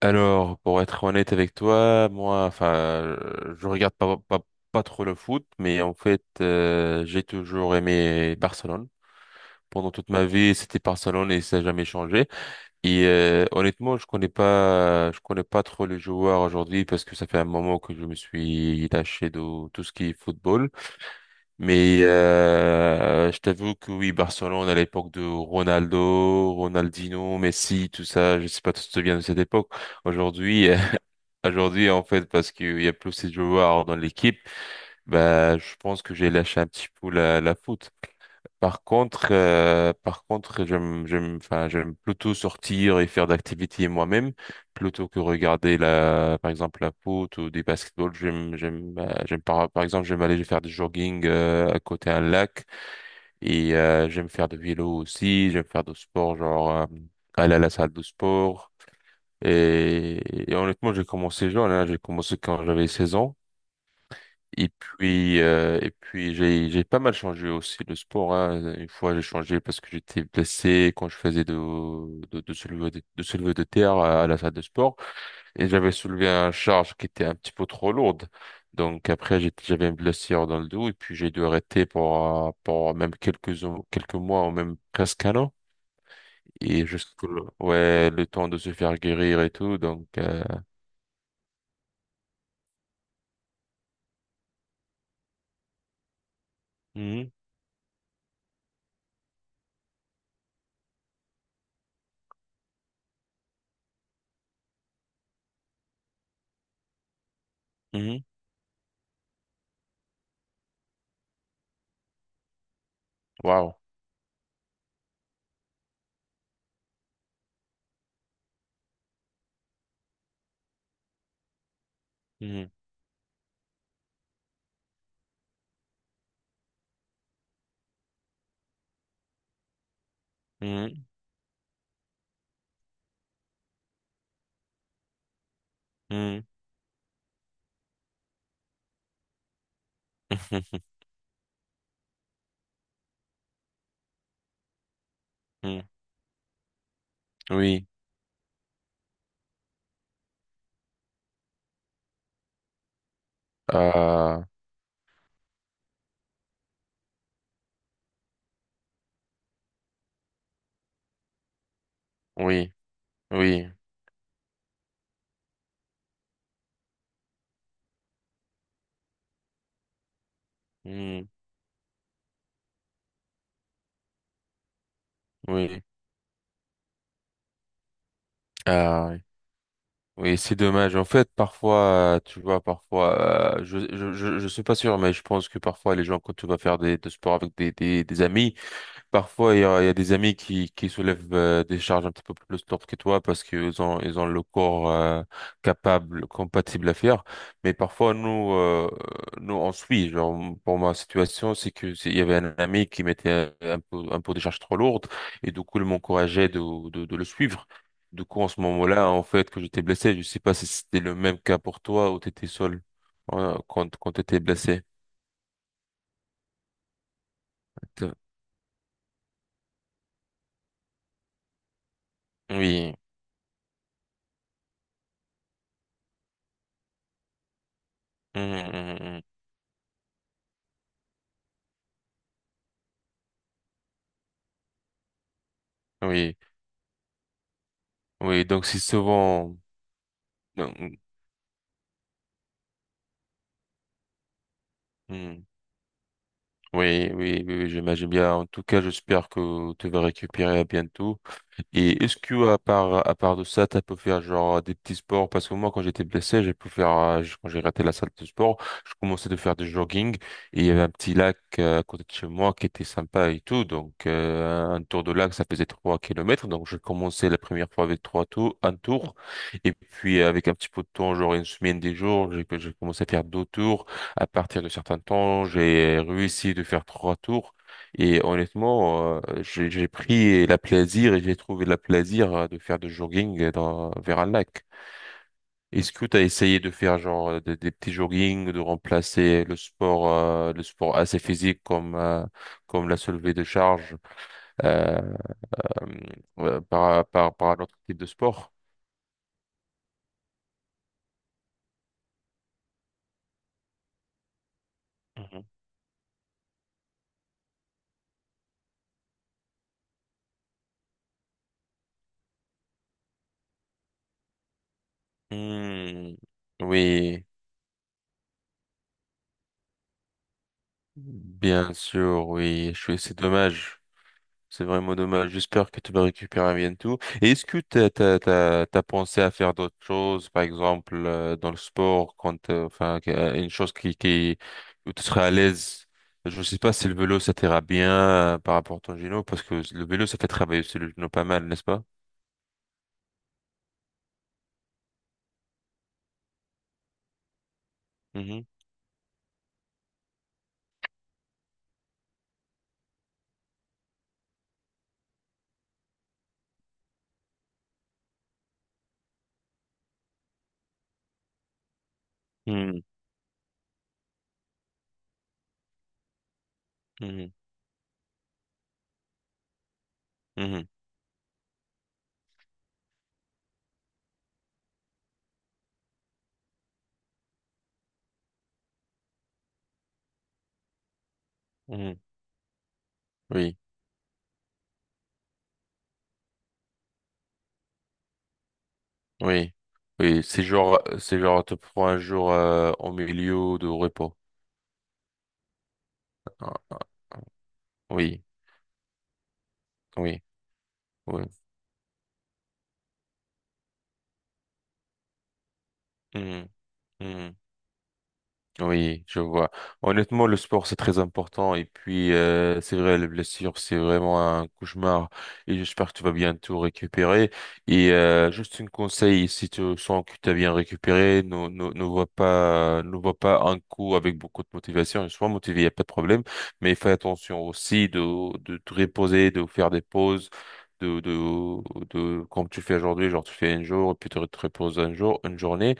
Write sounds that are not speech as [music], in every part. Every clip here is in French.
Alors, pour être honnête avec toi, moi, je regarde pas trop le foot, mais en fait, j'ai toujours aimé Barcelone. Pendant toute ma vie, c'était Barcelone et ça n'a jamais changé. Et honnêtement, je connais pas trop les joueurs aujourd'hui parce que ça fait un moment que je me suis lâché de tout ce qui est football. Mais je t'avoue que oui, Barcelone à l'époque de Ronaldo, Ronaldinho, Messi, tout ça, je sais pas si tu te souviens de cette époque. Aujourd'hui, Aujourd'hui, en fait, parce qu'il y a plus de joueurs dans l'équipe, bah, je pense que j'ai lâché un petit peu la foot. Par contre, j'aime plutôt sortir et faire d'activités moi-même, plutôt que regarder la, par exemple, la foot ou des basketball. Par exemple, j'aime aller faire du jogging, à côté d'un lac et, j'aime faire de vélo aussi, j'aime faire du sport, genre, aller à la salle de sport. Et, et honnêtement, j'ai commencé jeune, hein. J'ai commencé quand j'avais 16 ans. Et puis j'ai pas mal changé aussi le sport, hein. Une fois, j'ai changé parce que j'étais blessé quand je faisais de soulevé de soulevé de terre à la salle de sport. Et j'avais soulevé un charge qui était un petit peu trop lourde. Donc après, j'avais une blessure dans le dos et puis j'ai dû arrêter pour même quelques mois ou même presque 1 an. Et jusque, ouais, le temps de se faire guérir et tout. Mhm. Wow. Mhm. Mhm. Mhm. [laughs] Mhm. Oui. Euh, oui. Oui. Mhm. Oui. Ah, oui. Oui, c'est dommage. En fait, parfois, tu vois, parfois, je suis pas sûr, mais je pense que parfois, les gens, quand tu vas faire de sport avec des amis, parfois, il y a des amis qui soulèvent des charges un petit peu plus lourdes que toi parce qu'ils ont le corps capable, compatible à faire. Mais parfois, nous, on suit. Genre, pour ma situation, il y avait un ami qui mettait un peu des charges trop lourdes et du coup, il m'encourageait de le suivre. Du coup, en ce moment-là, en fait, que j'étais blessé, je sais pas si c'était le même cas pour toi ou t'étais seul quand t'étais blessé. Oui. Mhm, mhm. Oui. Oui, donc c'est souvent… Non, mm, mm. Oui, oui, oui, oui, j'imagine bien. En tout cas, j'espère que tu vas récupérer à bientôt. Et est-ce que à part de ça, t'as pu faire genre des petits sports? Parce que moi, quand j'étais blessé, j'ai pu faire quand j'ai raté la salle de sport, je commençais de faire du jogging et il y avait un petit lac à côté de chez moi qui était sympa et tout. Donc un tour de lac, ça faisait 3 kilomètres. Donc je commençais la première fois avec 1 tour, et puis avec un petit peu de temps, genre une semaine, des jours, j'ai commencé à faire 2 tours. À partir de certains temps, j'ai réussi de faire 3 tours. Et honnêtement, j'ai pris la plaisir et j'ai trouvé la plaisir de faire du jogging dans, vers un lac. Est-ce que tu as essayé de faire genre des petits joggings, de remplacer le sport assez physique comme comme la soulevée de charge euh, euh, par un autre type de sport? Mhm. Hmm, oui, bien sûr, oui. C'est dommage. C'est vraiment dommage. J'espère que tu vas récupérer bientôt. Et est-ce que t'as pensé à faire d'autres choses, par exemple, dans le sport, une chose qui, où tu serais à l'aise? Je sais pas si le vélo, ça t'ira bien, par rapport à ton genou, parce que le vélo, ça fait travailler aussi le genou pas mal, n'est-ce pas? Mhm. Mhm. Mhm. Mhm. Mhm. Oui, oui, oui. C'est genre, te prends un jour, au milieu de repos. Ah, ah, oui, oui, oui. Mhm. Mhm. Oui, je vois. Honnêtement, le sport, c'est très important. Et puis, c'est vrai, les blessures, c'est vraiment un cauchemar. Et j'espère que tu vas bientôt récupérer. Et juste un conseil, si tu sens que tu as bien récupéré, ne vois pas un coup avec beaucoup de motivation. Sois motivé, il n'y a pas de problème. Mais fais attention aussi de te reposer, de faire des pauses. De, comme tu fais aujourd'hui, genre tu fais un jour, puis tu te reposes un jour, une journée.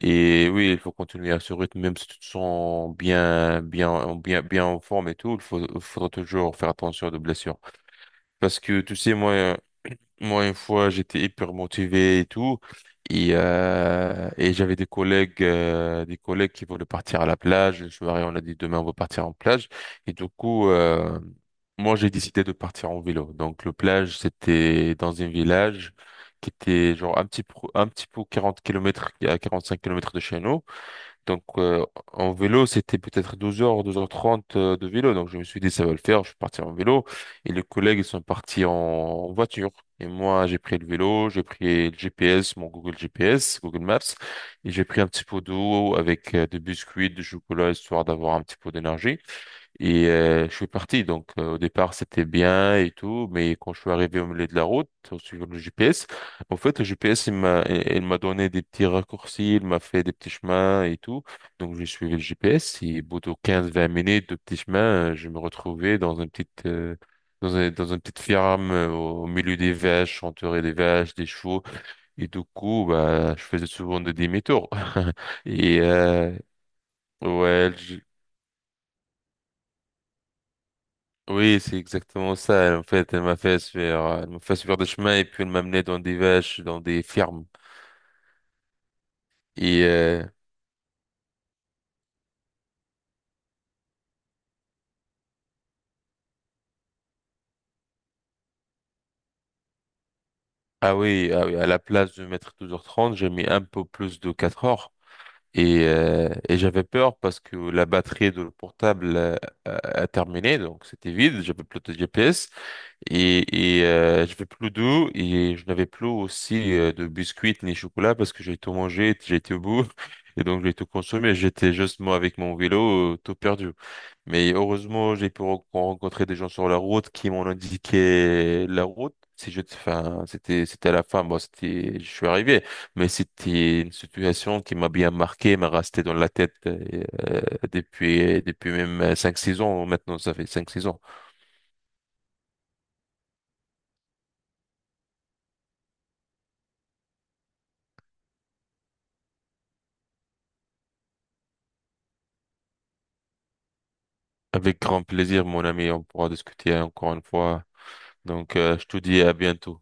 Et oui, il faut continuer à ce rythme, même si tu te sens bien en forme et tout, il faudra toujours faire attention aux blessures. Parce que, tu sais, moi, une fois, j'étais hyper motivé et tout, et j'avais des collègues qui voulaient partir à la plage. Le soir, et on a dit demain, on va partir en plage. Et du coup, euh, Moi, j'ai décidé de partir en vélo. Donc, le plage, c'était dans un village qui était genre un petit peu 40 kilomètres à 5 kilomètres de chez nous. Donc, en vélo, c'était peut-être 12 heures, 12 heures 30 de vélo. Donc, je me suis dit, ça va le faire. Je suis parti en vélo. Et les collègues, ils sont partis en voiture. Et moi, j'ai pris le vélo, j'ai pris le GPS, mon Google GPS, Google Maps. Et j'ai pris un petit pot d'eau avec des biscuits, du chocolat, histoire d'avoir un petit peu d'énergie. Et je suis parti. Donc au départ, c'était bien et tout, mais quand je suis arrivé au milieu de la route, en suivant le GPS, en fait, le GPS, il m'a donné des petits raccourcis, il m'a fait des petits chemins et tout. Donc j'ai suivi le GPS et au bout de 15-20 minutes de petits chemins, je me retrouvais dans une petite dans un- dans une petite ferme au milieu des vaches, entouré des vaches, des chevaux. Et du coup, bah, je faisais souvent des demi-tours. [laughs] Et euh, ouais, Oui, c'est exactement ça. En fait, elle m'a fait faire des chemins et puis elle m'a mené dans des vaches, dans des fermes. Et euh, ah oui, ah oui, à la place de mettre 12 heures trente, j'ai mis un peu plus de 4 heures. Et j'avais peur parce que la batterie de le portable a, a terminé, donc c'était vide. J'avais plus de GPS et j'avais plus d'eau et je n'avais plus aussi de biscuits ni chocolat parce que j'ai tout mangé, j'ai été au bout [laughs] et donc j'ai tout consommé. J'étais juste moi avec mon vélo tout perdu. Mais heureusement, j'ai pu rencontrer des gens sur la route qui m'ont indiqué la route. Si je, enfin, c'était, C'était à la fin, bon, je suis arrivé, mais c'était une situation qui m'a bien marqué, m'a resté dans la tête depuis même cinq 6 ans. Maintenant, ça fait cinq 6 ans. Avec grand plaisir, mon ami, on pourra discuter encore une fois. Donc, je te dis à bientôt.